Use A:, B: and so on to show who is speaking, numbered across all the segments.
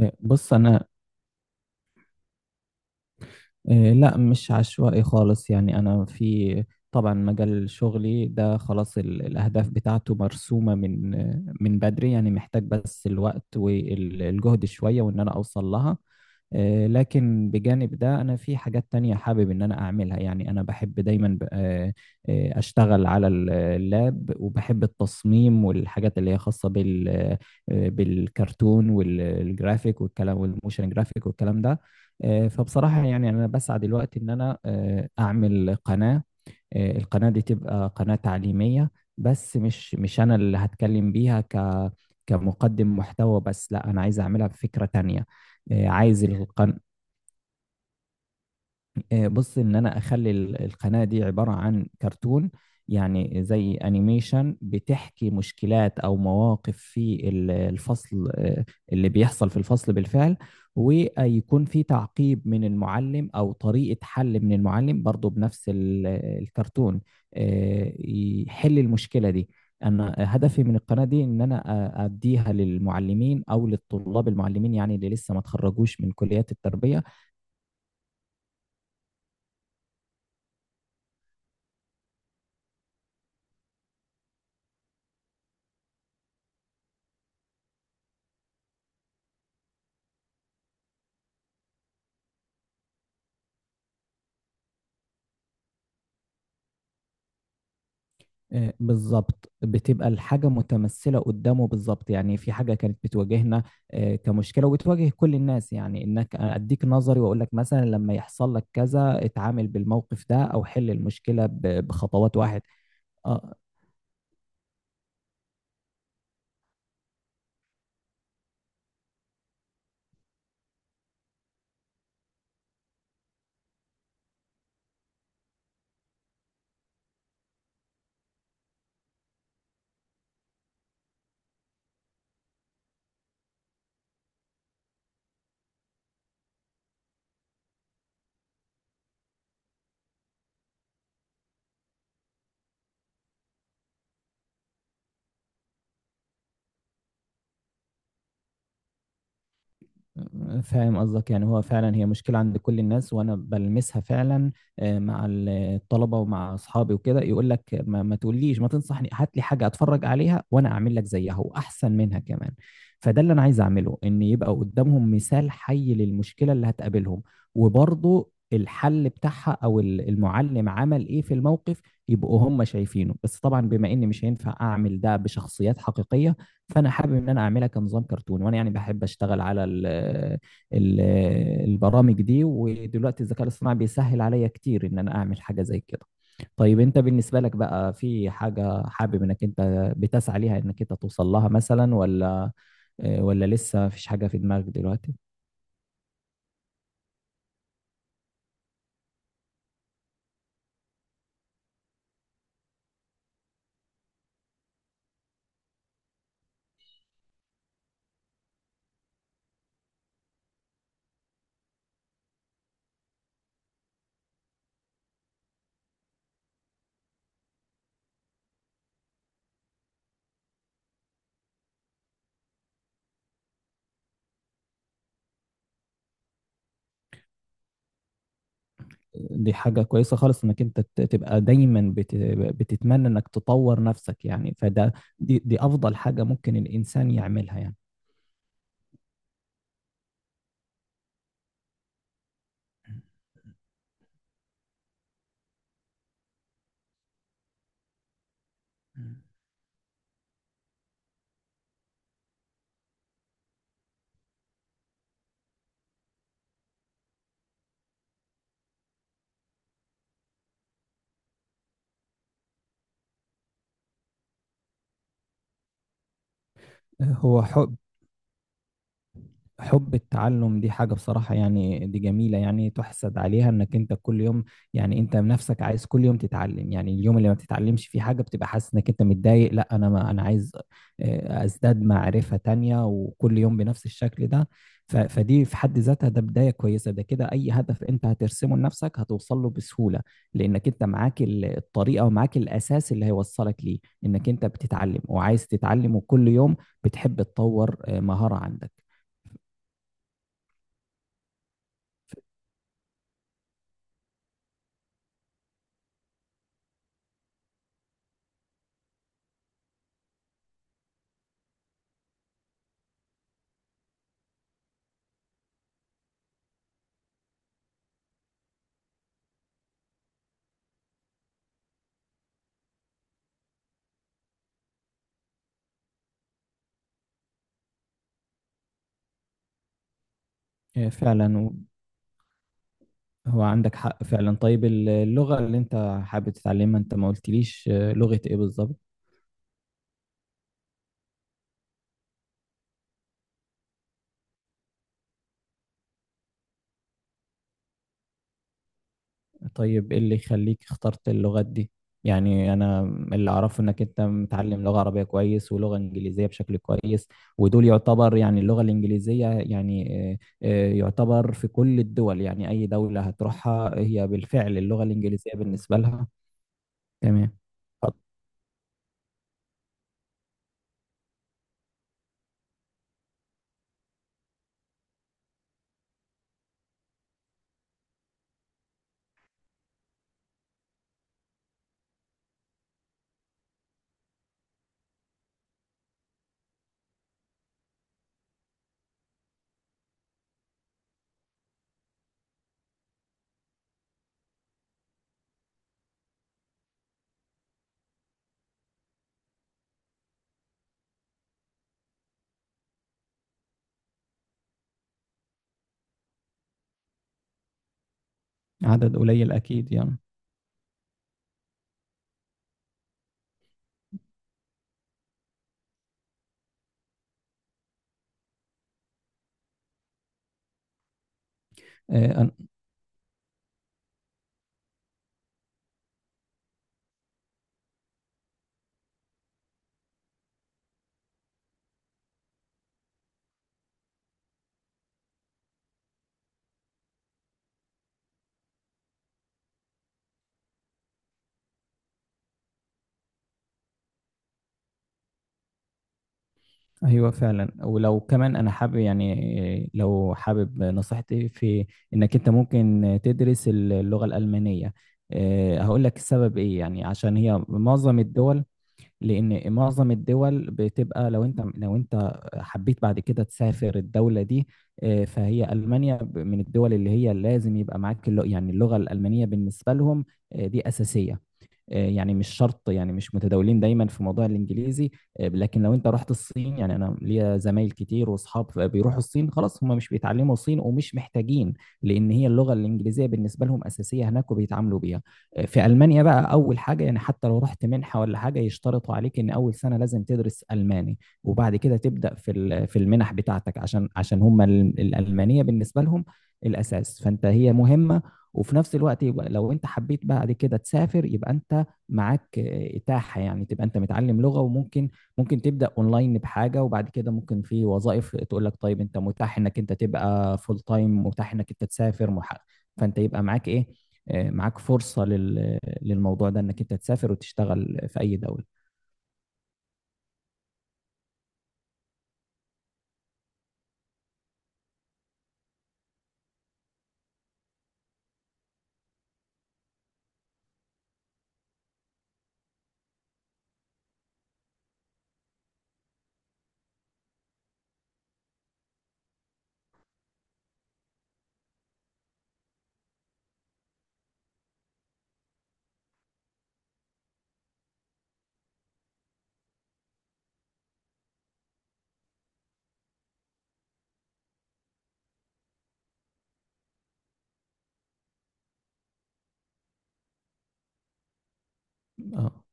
A: بص انا. لا، مش عشوائي خالص. يعني انا في، طبعا، مجال شغلي ده خلاص، الاهداف بتاعته مرسومه من بدري. يعني محتاج بس الوقت والجهد شويه، وان انا اوصل لها. لكن بجانب ده انا في حاجات تانية حابب ان انا اعملها. يعني انا بحب دايما اشتغل على اللاب، وبحب التصميم والحاجات اللي هي خاصه بالكرتون والجرافيك والكلام، والموشن جرافيك والكلام ده. فبصراحة يعني أنا بسعى دلوقتي إن أنا أعمل قناة. القناة دي تبقى قناة تعليمية، بس مش أنا اللي هتكلم بيها كمقدم محتوى بس. لا، أنا عايز أعملها بفكرة تانية. آه، عايز القن... بص، ان انا اخلي القناة دي عبارة عن كرتون. يعني زي انيميشن بتحكي مشكلات او مواقف في الفصل، اللي بيحصل في الفصل بالفعل. ويكون في تعقيب من المعلم او طريقة حل من المعلم برضو بنفس الكرتون، يحل المشكلة دي. انا هدفي من القناة دي ان انا اديها للمعلمين او للطلاب المعلمين، يعني اللي لسه ما تخرجوش من كليات التربية. بالظبط، بتبقى الحاجة متمثلة قدامه بالظبط. يعني في حاجة كانت بتواجهنا كمشكلة، وبتواجه كل الناس. يعني انك اديك نظري، واقول لك مثلا لما يحصل لك كذا اتعامل بالموقف ده، او حل المشكلة بخطوات واحد. آه، فاهم قصدك. يعني هو فعلا هي مشكلة عند كل الناس، وأنا بلمسها فعلا مع الطلبة ومع أصحابي وكده. يقول لك ما تقوليش، ما تنصحني، هات لي حاجة أتفرج عليها وأنا أعمل لك زيها وأحسن منها كمان. فده اللي أنا عايز أعمله، إن يبقى قدامهم مثال حي للمشكلة اللي هتقابلهم، وبرضه الحل بتاعها، أو المعلم عمل إيه في الموقف، يبقوا هم شايفينه. بس طبعا بما إني مش هينفع أعمل ده بشخصيات حقيقية، فانا حابب ان انا اعملها كنظام كرتون. وانا يعني بحب اشتغل على ال البرامج دي، ودلوقتي الذكاء الاصطناعي بيسهل عليا كتير ان انا اعمل حاجه زي كده. طيب انت بالنسبه لك بقى، في حاجه حابب انك انت بتسعى ليها، انك انت توصل لها مثلا، ولا ولا لسه مفيش حاجه في دماغك دلوقتي؟ دي حاجة كويسة خالص انك انت بتتمنى انك تطور نفسك. يعني فده، دي افضل حاجة ممكن الانسان يعملها يعني. هو حب التعلم دي حاجة بصراحة يعني، دي جميلة يعني تحسد عليها. انك انت كل يوم، يعني انت بنفسك عايز كل يوم تتعلم. يعني اليوم اللي ما بتتعلمش فيه حاجة بتبقى حاسس انك انت متضايق. لا، انا ما انا عايز ازداد معرفة تانية، وكل يوم بنفس الشكل ده. فدي في حد ذاتها، ده بداية كويسة. ده كده اي هدف انت هترسمه لنفسك هتوصل له بسهولة، لانك انت معاك الطريقة ومعاك الاساس اللي هيوصلك ليه. انك انت بتتعلم وعايز تتعلم، وكل يوم بتحب تطور مهارة عندك. إيه فعلا، هو عندك حق فعلا. طيب اللغة اللي انت حابب تتعلمها، انت ما قلتليش لغة ايه بالظبط؟ طيب ايه اللي يخليك اخترت اللغات دي؟ يعني انا اللي اعرفه انك انت متعلم لغة عربية كويس ولغة انجليزية بشكل كويس، ودول يعتبر يعني اللغة الانجليزية يعني يعتبر في كل الدول. يعني اي دولة هتروحها هي بالفعل اللغة الانجليزية بالنسبة لها. تمام. عدد قليل اكيد يعني. آه، ايوه فعلا. ولو كمان انا حابب يعني، لو حابب نصيحتي في، انك انت ممكن تدرس اللغه الالمانيه. هقول لك السبب ايه. يعني عشان هي معظم الدول، لان معظم الدول بتبقى، لو انت حبيت بعد كده تسافر الدوله دي، فهي المانيا من الدول اللي هي لازم يبقى معاك اللغة. يعني اللغه الالمانيه بالنسبه لهم دي اساسيه. يعني مش شرط، يعني مش متداولين دايما في موضوع الانجليزي. لكن لو انت رحت الصين، يعني انا ليا زمايل كتير واصحاب بيروحوا الصين، خلاص هم مش بيتعلموا صين ومش محتاجين، لان هي اللغه الانجليزيه بالنسبه لهم اساسيه هناك وبيتعاملوا بيها. في المانيا بقى، اول حاجه، يعني حتى لو رحت منحه ولا حاجه يشترطوا عليك ان اول سنه لازم تدرس الماني، وبعد كده تبدا في في المنح بتاعتك، عشان هم الالمانيه بالنسبه لهم الاساس. فانت هي مهمه. وفي نفس الوقت، يبقى لو انت حبيت بعد كده تسافر، يبقى انت معاك إتاحة، يعني تبقى أنت متعلم لغة. وممكن ممكن تبدأ أونلاين بحاجة، وبعد كده ممكن في وظائف تقول لك طيب أنت متاح إنك أنت تبقى فول تايم، متاح إنك أنت تسافر فأنت يبقى معاك إيه؟ معاك فرصة للموضوع ده، إنك أنت تسافر وتشتغل في أي دولة. اه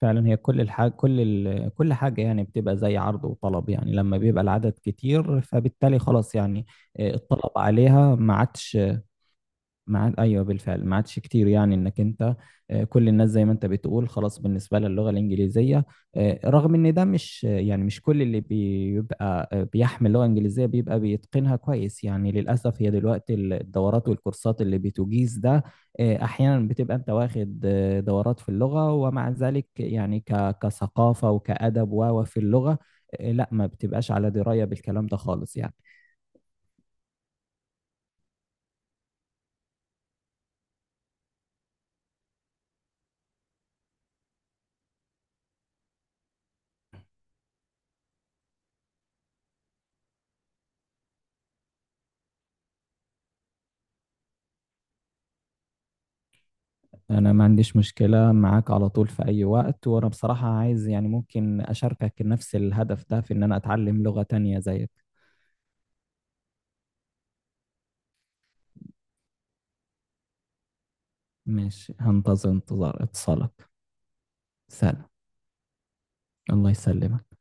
A: فعلا، هي كل الحاجة، كل حاجة يعني بتبقى زي عرض وطلب. يعني لما بيبقى العدد كتير، فبالتالي خلاص يعني الطلب عليها ما عادش. ما عاد، ايوه بالفعل ما عادش كتير. يعني انك انت كل الناس زي ما انت بتقول خلاص بالنسبه لها اللغه الانجليزيه، رغم ان ده مش يعني مش كل اللي بيبقى بيحمل لغه انجليزيه بيبقى بيتقنها كويس. يعني للاسف، هي دلوقتي الدورات والكورسات اللي بتجيز ده احيانا بتبقى انت واخد دورات في اللغه، ومع ذلك يعني كثقافه وكادب، و في اللغه لا، ما بتبقاش على درايه بالكلام ده خالص يعني. انا ما عنديش مشكلة معاك على طول، في اي وقت. وانا بصراحة عايز يعني ممكن اشاركك نفس الهدف ده في ان انا اتعلم لغة تانية زيك. ماشي، هنتظر انتظار اتصالك. سلام. الله يسلمك.